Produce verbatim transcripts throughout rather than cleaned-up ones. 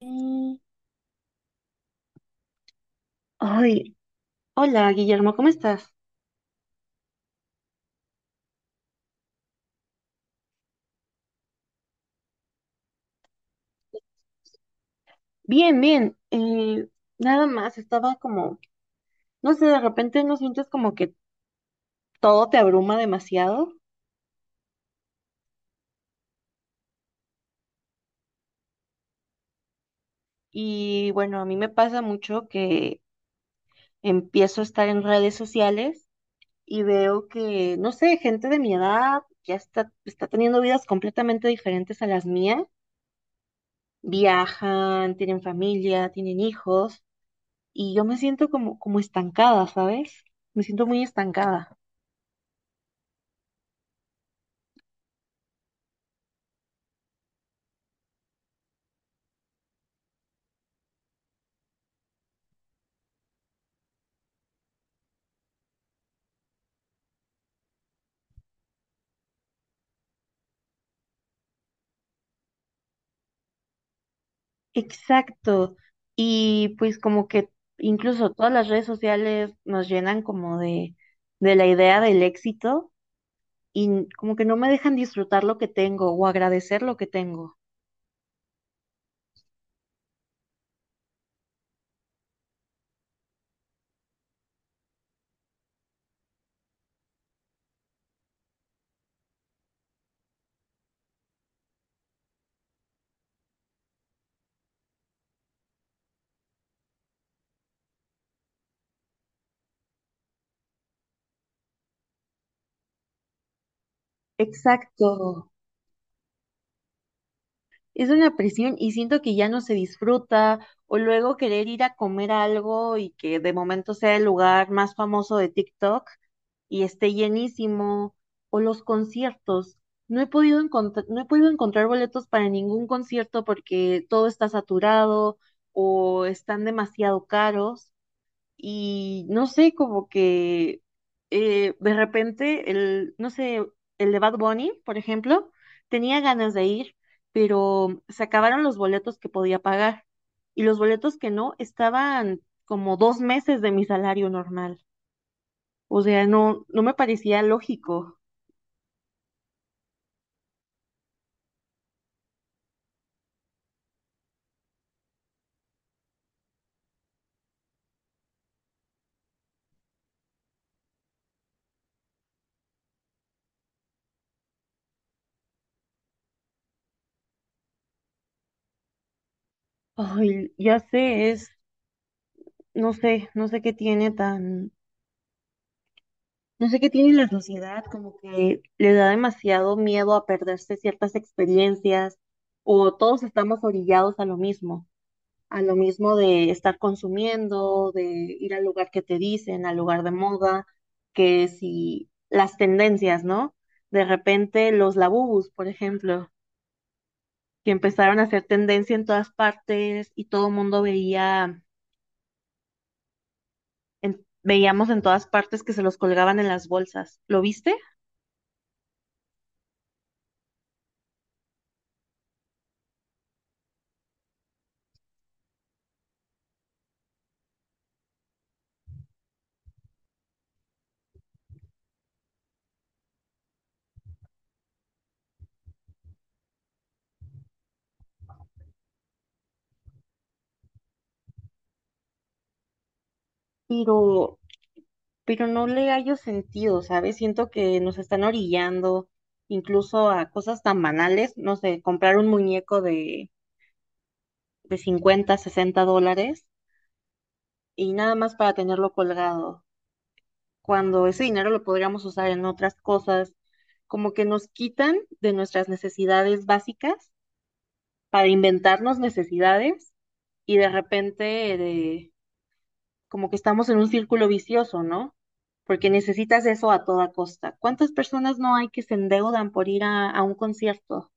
Mm, ay, hola Guillermo, ¿cómo estás? Bien, bien. Eh, nada más, estaba como, no sé, de repente no sientes como que todo te abruma demasiado. Y bueno, a mí me pasa mucho que empiezo a estar en redes sociales y veo que, no sé, gente de mi edad ya está, está teniendo vidas completamente diferentes a las mías. Viajan, tienen familia, tienen hijos y yo me siento como, como estancada, ¿sabes? Me siento muy estancada. Exacto. Y pues como que incluso todas las redes sociales nos llenan como de, de la idea del éxito y como que no me dejan disfrutar lo que tengo o agradecer lo que tengo. Exacto. Es una presión y siento que ya no se disfruta, o luego querer ir a comer algo y que de momento sea el lugar más famoso de TikTok y esté llenísimo, o los conciertos. No he podido encontrar, no he podido encontrar boletos para ningún concierto porque todo está saturado o están demasiado caros y no sé, como que eh, de repente el, no sé, el de Bad Bunny, por ejemplo, tenía ganas de ir, pero se acabaron los boletos que podía pagar y los boletos que no estaban como dos meses de mi salario normal. O sea, no, no me parecía lógico. Ay, ya sé, es, no sé, no sé qué tiene tan No sé qué tiene la sociedad, como que le da demasiado miedo a perderse ciertas experiencias o todos estamos orillados a lo mismo, a lo mismo de estar consumiendo, de ir al lugar que te dicen, al lugar de moda, que si las tendencias, ¿no? De repente los labubus, por ejemplo, que empezaron a hacer tendencia en todas partes y todo el mundo veía, en- veíamos en todas partes que se los colgaban en las bolsas. ¿Lo viste? Pero pero no le hallo sentido, ¿sabes? Siento que nos están orillando incluso a cosas tan banales, no sé, comprar un muñeco de, de cincuenta, sesenta dólares y nada más para tenerlo colgado, cuando ese dinero lo podríamos usar en otras cosas, como que nos quitan de nuestras necesidades básicas para inventarnos necesidades y de repente de como que estamos en un círculo vicioso, ¿no? Porque necesitas eso a toda costa. ¿Cuántas personas no hay que se endeudan por ir a, a un concierto?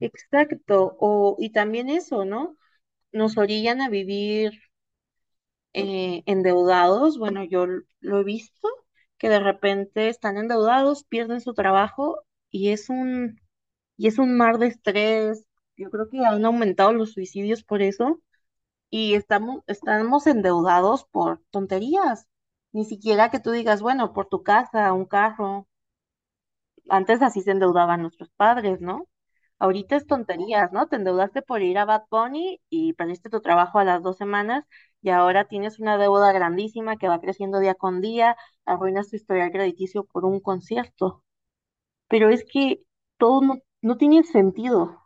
Exacto, o, y también eso, ¿no? Nos orillan a vivir eh, endeudados. Bueno, yo l- lo he visto, que de repente están endeudados, pierden su trabajo y es un, y es un mar de estrés. Yo creo que han aumentado los suicidios por eso y estamos, estamos endeudados por tonterías. Ni siquiera que tú digas, bueno, por tu casa, un carro. Antes así se endeudaban nuestros padres, ¿no? Ahorita es tonterías, ¿no? Te endeudaste por ir a Bad Bunny y perdiste tu trabajo a las dos semanas y ahora tienes una deuda grandísima que va creciendo día con día, arruinas tu historial crediticio por un concierto. Pero es que todo no, no tiene sentido,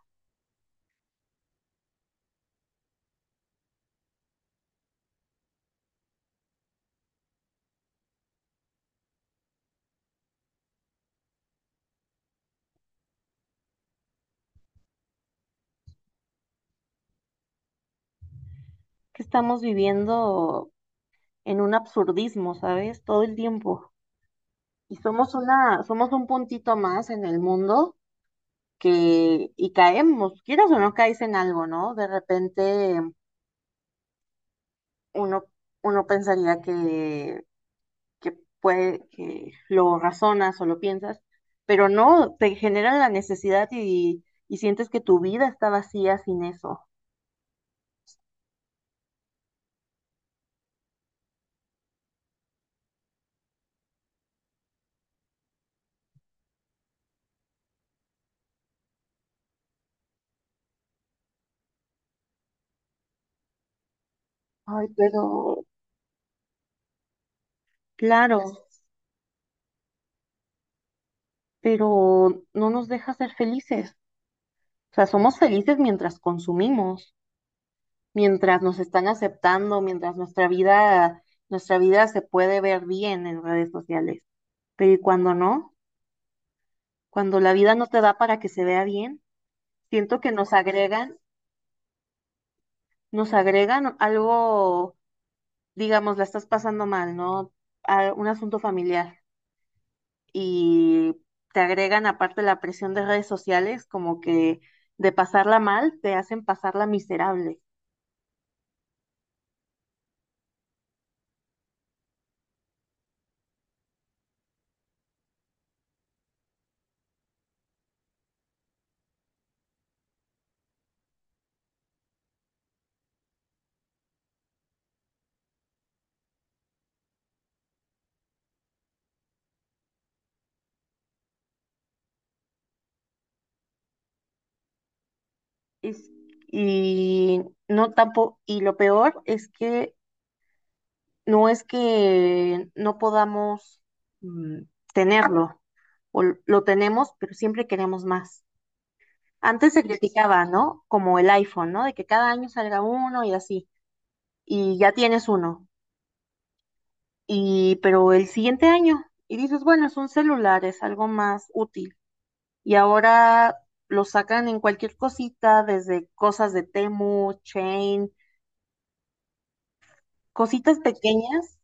que estamos viviendo en un absurdismo, ¿sabes? Todo el tiempo. Y somos una, somos un puntito más en el mundo que, y caemos, quieras o no caes en algo, ¿no? De repente uno, uno pensaría que, que puede, que lo razonas o lo piensas, pero no, te genera la necesidad y, y sientes que tu vida está vacía sin eso. Ay, pero, claro, pero no nos deja ser felices. O sea, somos felices mientras consumimos, mientras nos están aceptando, mientras nuestra vida, nuestra vida se puede ver bien en redes sociales. Pero ¿y cuando no? Cuando la vida no te da para que se vea bien, siento que nos agregan, nos agregan algo, digamos, la estás pasando mal, ¿no? A- un asunto familiar y te agregan aparte la presión de redes sociales, como que de pasarla mal te hacen pasarla miserable. Es- y no tampoco, y lo peor es que no es que no podamos mm, tenerlo, o l- lo tenemos, pero siempre queremos más. Antes se criticaba, ¿no? Como el iPhone, ¿no? De que cada año salga uno y así, y ya tienes uno, y pero el siguiente año, y dices, bueno, es un celular, es algo más útil. Y ahora lo sacan en cualquier cosita, desde cosas de Temu, Chain, cositas pequeñas.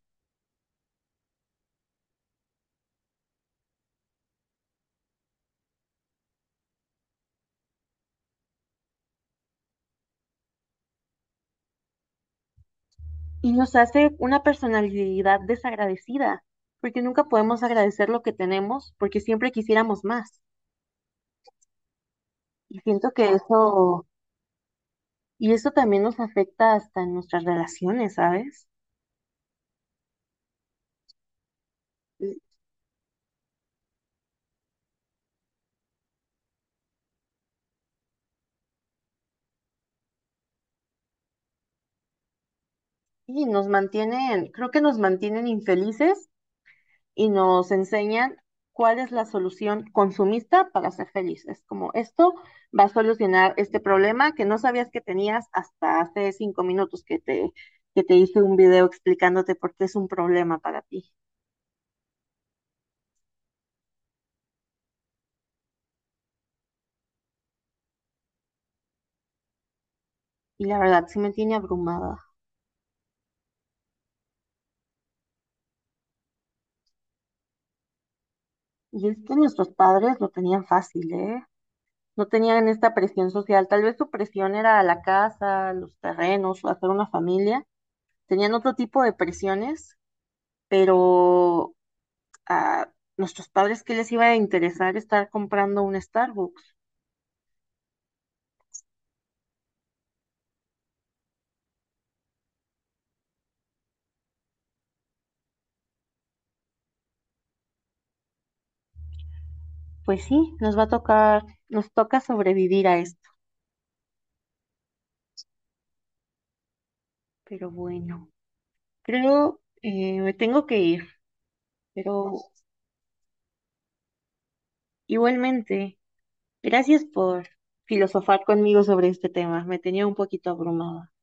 Y nos hace una personalidad desagradecida, porque nunca podemos agradecer lo que tenemos, porque siempre quisiéramos más. Y siento que eso, y eso también nos afecta hasta en nuestras relaciones, ¿sabes? Y y nos mantienen, creo que nos mantienen infelices y nos enseñan cuál es la solución consumista para ser feliz. Es como esto va a solucionar este problema que no sabías que tenías hasta hace cinco minutos que te, que te hice un video explicándote por qué es un problema para ti. Y la verdad, sí me tiene abrumada. Y es que nuestros padres lo tenían fácil, ¿eh? No tenían esta presión social. Tal vez su presión era la casa, los terrenos, hacer una familia. Tenían otro tipo de presiones, pero a nuestros padres que les iba a interesar estar comprando un Starbucks. Pues sí, nos va a tocar, nos toca sobrevivir a esto. Pero bueno, creo eh, me tengo que ir, pero igualmente, gracias por filosofar conmigo sobre este tema. Me tenía un poquito abrumada.